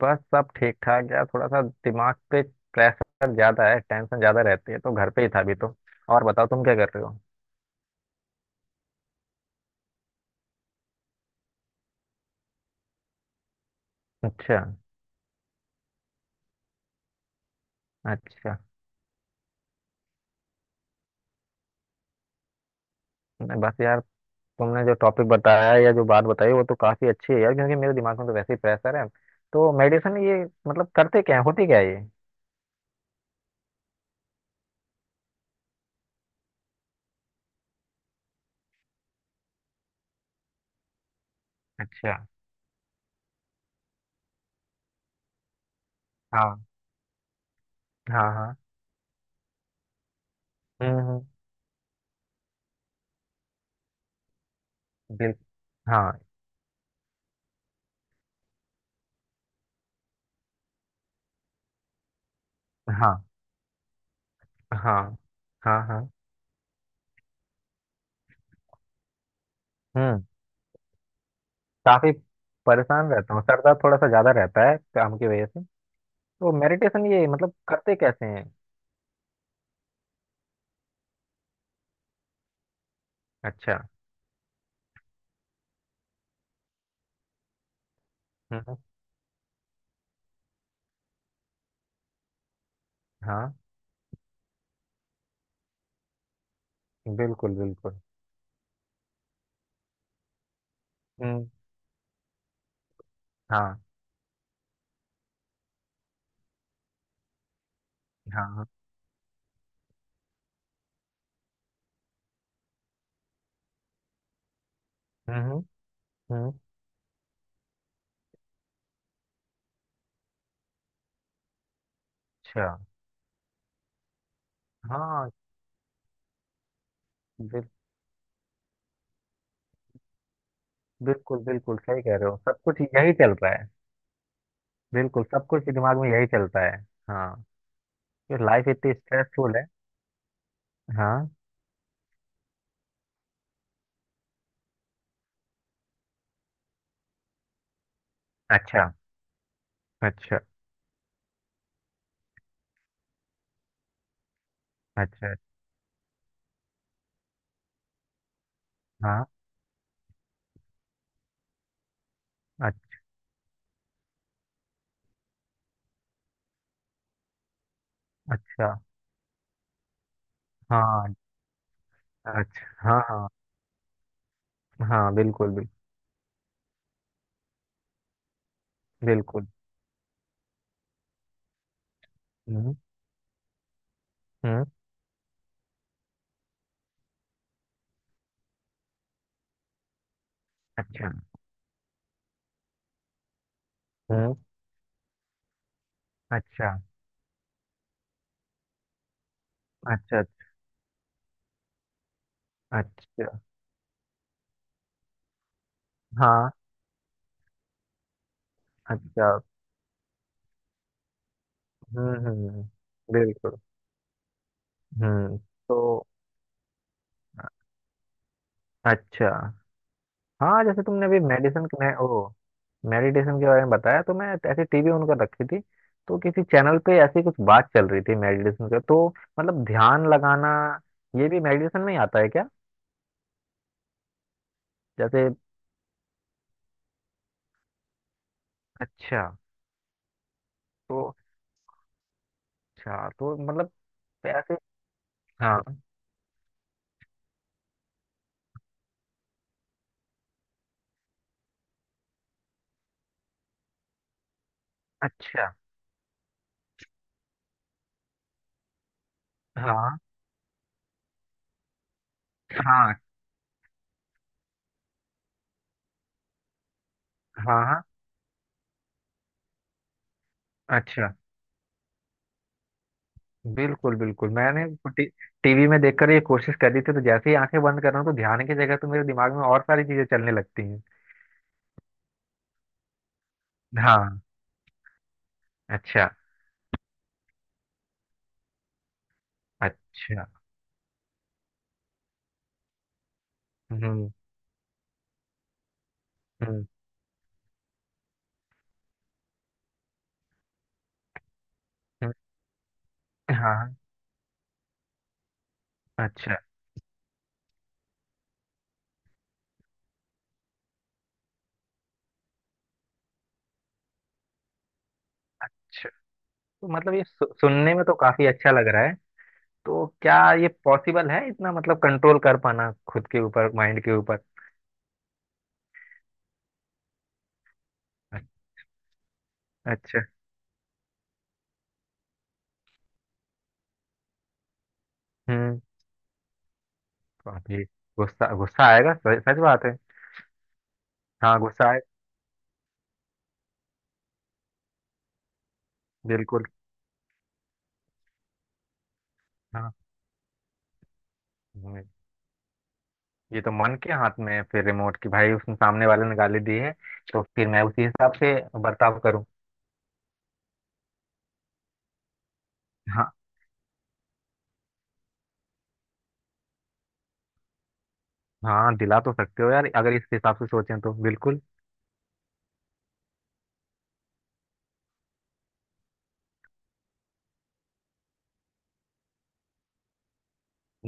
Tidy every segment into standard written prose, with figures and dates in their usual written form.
बस सब ठीक ठाक यार, थोड़ा सा दिमाग पे प्रेशर ज्यादा है, टेंशन ज्यादा रहती है, तो घर पे ही था अभी तो। और बताओ, तुम क्या कर रहे हो? अच्छा। अच्छा। नहीं, बस यार, तुमने जो टॉपिक बताया है या जो बात बताई वो तो काफी अच्छी है यार, क्योंकि मेरे दिमाग में तो वैसे ही प्रेशर है। तो मेडिसिन ये मतलब करते क्या है, होती क्या है ये? अच्छा। हाँ हाँ हाँ। हम्म हम्म, बिल हाँ हाँ हाँ हाँ हाँ। हम्म। काफी परेशान रहता हूँ, सर दर्द थोड़ा सा ज्यादा रहता है काम की वजह से। तो मेडिटेशन ये मतलब करते कैसे हैं? अच्छा। हम्म हम्म, हाँ। बिल्कुल बिल्कुल। हम्म। हाँ हाँ हाँ, हम्म हम्म। अच्छा। हाँ बिल, बिल्कुल बिल्कुल सही कह रहे हो, सब कुछ यही चल रहा है। बिल्कुल, सब कुछ दिमाग में यही चलता है। हाँ। ये लाइफ इतनी स्ट्रेसफुल है। हाँ। अच्छा। अच्छा। अच्छा। हाँ। अच- अच्छा। हाँ। अच्छा। हाँ हाँ हाँ बिल्कुल बिल्कुल। हम्म हम्म। अच्छा। हम्म। अच्छा। अच्छा। अच्छा। हाँ। अच्छा। हम्म हम्म हम्म, बिल्कुल। हम्म। तो अच्छा। हाँ, जैसे तुमने अभी मेडिसिन में ओ मेडिटेशन के बारे में बताया, तो मैं ऐसे टीवी उनका रखी थी। तो किसी चैनल पे ऐसी कुछ बात चल रही थी मेडिटेशन का। तो मतलब ध्यान लगाना, ये भी मेडिटेशन में ही आता है क्या? जैसे, अच्छा। तो अच्छा, तो मतलब ऐसे। हाँ। अच्छा। हाँ हाँ हाँ हाँ। अच्छा। बिल्कुल बिल्कुल, मैंने टी, टीवी में देखकर ये कोशिश करी थी, तो जैसे ही आंखें बंद कर रहा हूँ तो ध्यान की जगह तो मेरे दिमाग में और सारी चीजें चलने लगती हैं। हाँ। अच्छा। अच्छा। हम्म हम्म हम्म, हाँ। अच्छा। अच्छा, तो मतलब ये सुनने में तो काफी अच्छा लग रहा है। तो क्या ये पॉसिबल है इतना, मतलब कंट्रोल कर पाना खुद के ऊपर, माइंड के ऊपर? अच्छा। हम्म। बाप रे। गुस्सा गुस्सा आएगा, सच सच बात है। हाँ, गुस्सा आए। बिल्कुल। हाँ। हम्म। ये तो मन के हाथ में है फिर रिमोट की, भाई उसने सामने वाले ने गाली दी है, तो फिर मैं उसी हिसाब से बर्ताव करूँ। हाँ, हाँ दिला तो सकते हो यार, अगर इस हिसाब से सोचें तो बिल्कुल।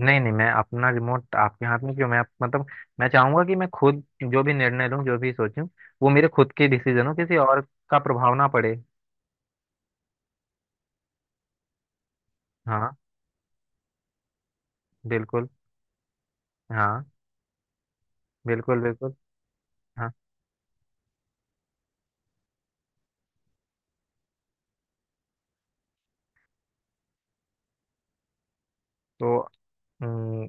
नहीं नहीं, मैं अपना रिमोट आपके हाथ में क्यों, मैं मतलब मैं चाहूंगा कि मैं खुद जो भी निर्णय लूँ जो भी सोचूं, वो मेरे खुद के डिसीजन हो, किसी और का प्रभाव ना पड़े। हाँ। बिल्कुल। हाँ। बिल्कुल बिल्कुल। हाँ। तो हम्म,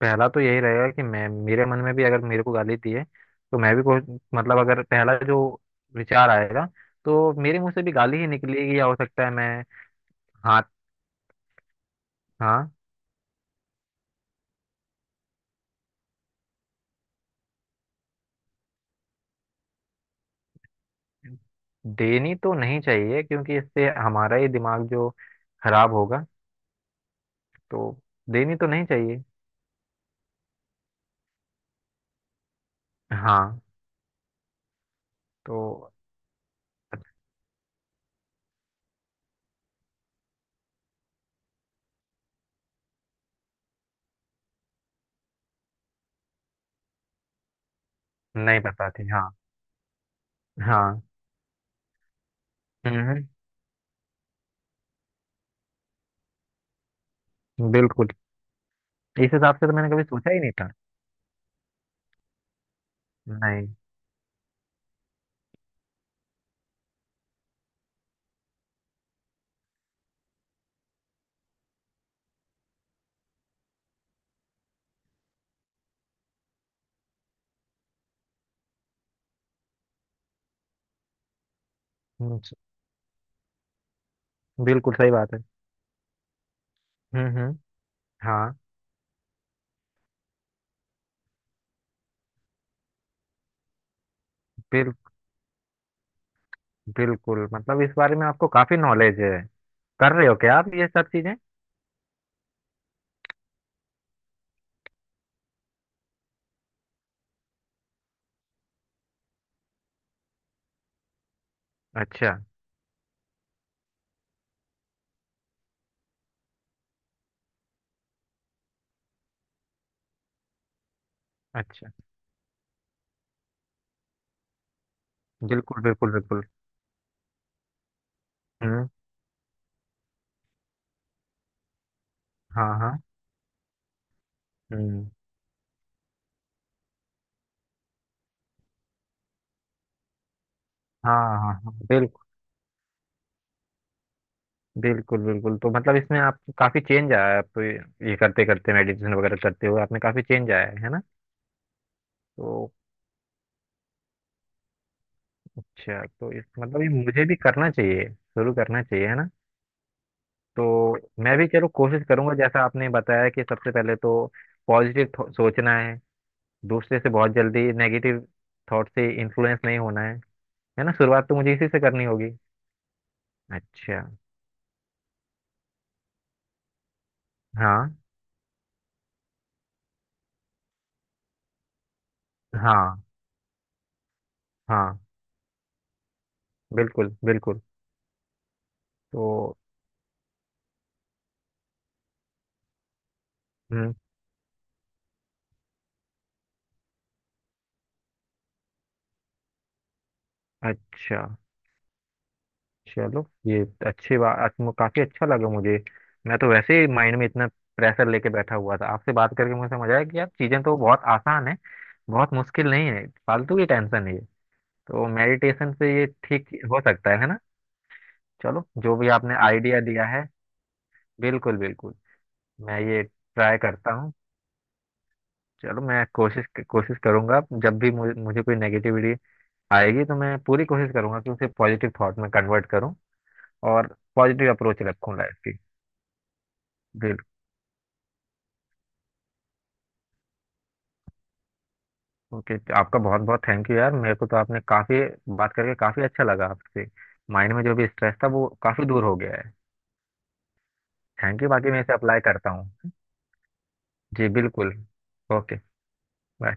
पहला तो यही रहेगा कि मैं, मेरे मन में भी अगर मेरे को गाली दी है तो मैं भी कोई, मतलब अगर पहला जो विचार आएगा तो मेरे मुंह से भी गाली ही निकलेगी, या हो सकता है मैं हाथ। हाँ। देनी तो नहीं चाहिए, क्योंकि इससे हमारा ही दिमाग जो खराब होगा, तो देनी तो नहीं चाहिए। हाँ। तो नहीं पता थी, हाँ। हाँ। हम्म बिल्कुल। इस हिसाब से तो मैंने कभी सोचा ही नहीं था। नहीं। हम्म, बिल्कुल सही बात है। हम्म। हाँ। बिल्कुल बिल्कुल, मतलब इस बारे में आपको काफी नॉलेज है। कर रहे हो क्या आप ये सब चीजें? अच्छा। अच्छा। बिल्कुल बिल्कुल बिल्कुल। हम्म। हाँ हाँ। हम्म। हाँ हाँ हाँ बिल्कुल। बिल्कुल बिल्कुल, तो मतलब इसमें आप काफी चेंज आया है। आप ये करते करते मेडिटेशन वगैरह करते हुए आपने काफी चेंज आया है ना? तो अच्छा, तो इस मतलब ये मुझे भी करना चाहिए, शुरू करना चाहिए, है ना? तो मैं भी चलो कोशिश करूंगा, जैसा आपने बताया कि सबसे पहले तो पॉजिटिव सोचना है, दूसरे से बहुत जल्दी नेगेटिव थॉट से इन्फ्लुएंस नहीं होना है ना? शुरुआत तो मुझे इसी से करनी होगी। अच्छा। हाँ हाँ हाँ। बिल्कुल बिल्कुल। तो हम्म। अच्छा। चलो ये अच्छी बात, काफी अच्छा लगा मुझे। मैं तो वैसे ही माइंड में इतना प्रेशर लेके बैठा हुआ था, आपसे बात करके मुझे समझ आया कि यार चीजें तो बहुत आसान है, बहुत मुश्किल नहीं है, फालतू की टेंशन है ये। तो मेडिटेशन से ये ठीक हो सकता है ना? चलो जो भी आपने आइडिया दिया है। बिल्कुल बिल्कुल। मैं ये ट्राई करता हूँ। चलो मैं कोशिश कोशिश करूंगा, जब भी मुझे कोई नेगेटिविटी आएगी तो मैं पूरी कोशिश करूंगा कि उसे पॉजिटिव थॉट में कन्वर्ट करूँ। और पॉजिटिव अप्रोच रखूँ लाइफ की। बिल्कुल। ओके, आपका बहुत बहुत थैंक यू यार, मेरे को तो आपने काफ़ी बात करके काफ़ी अच्छा लगा आपसे। माइंड में जो भी स्ट्रेस था वो काफ़ी दूर हो गया है। थैंक यू, बाकी मैं इसे अप्लाई करता हूँ। जी बिल्कुल। ओके। बाय।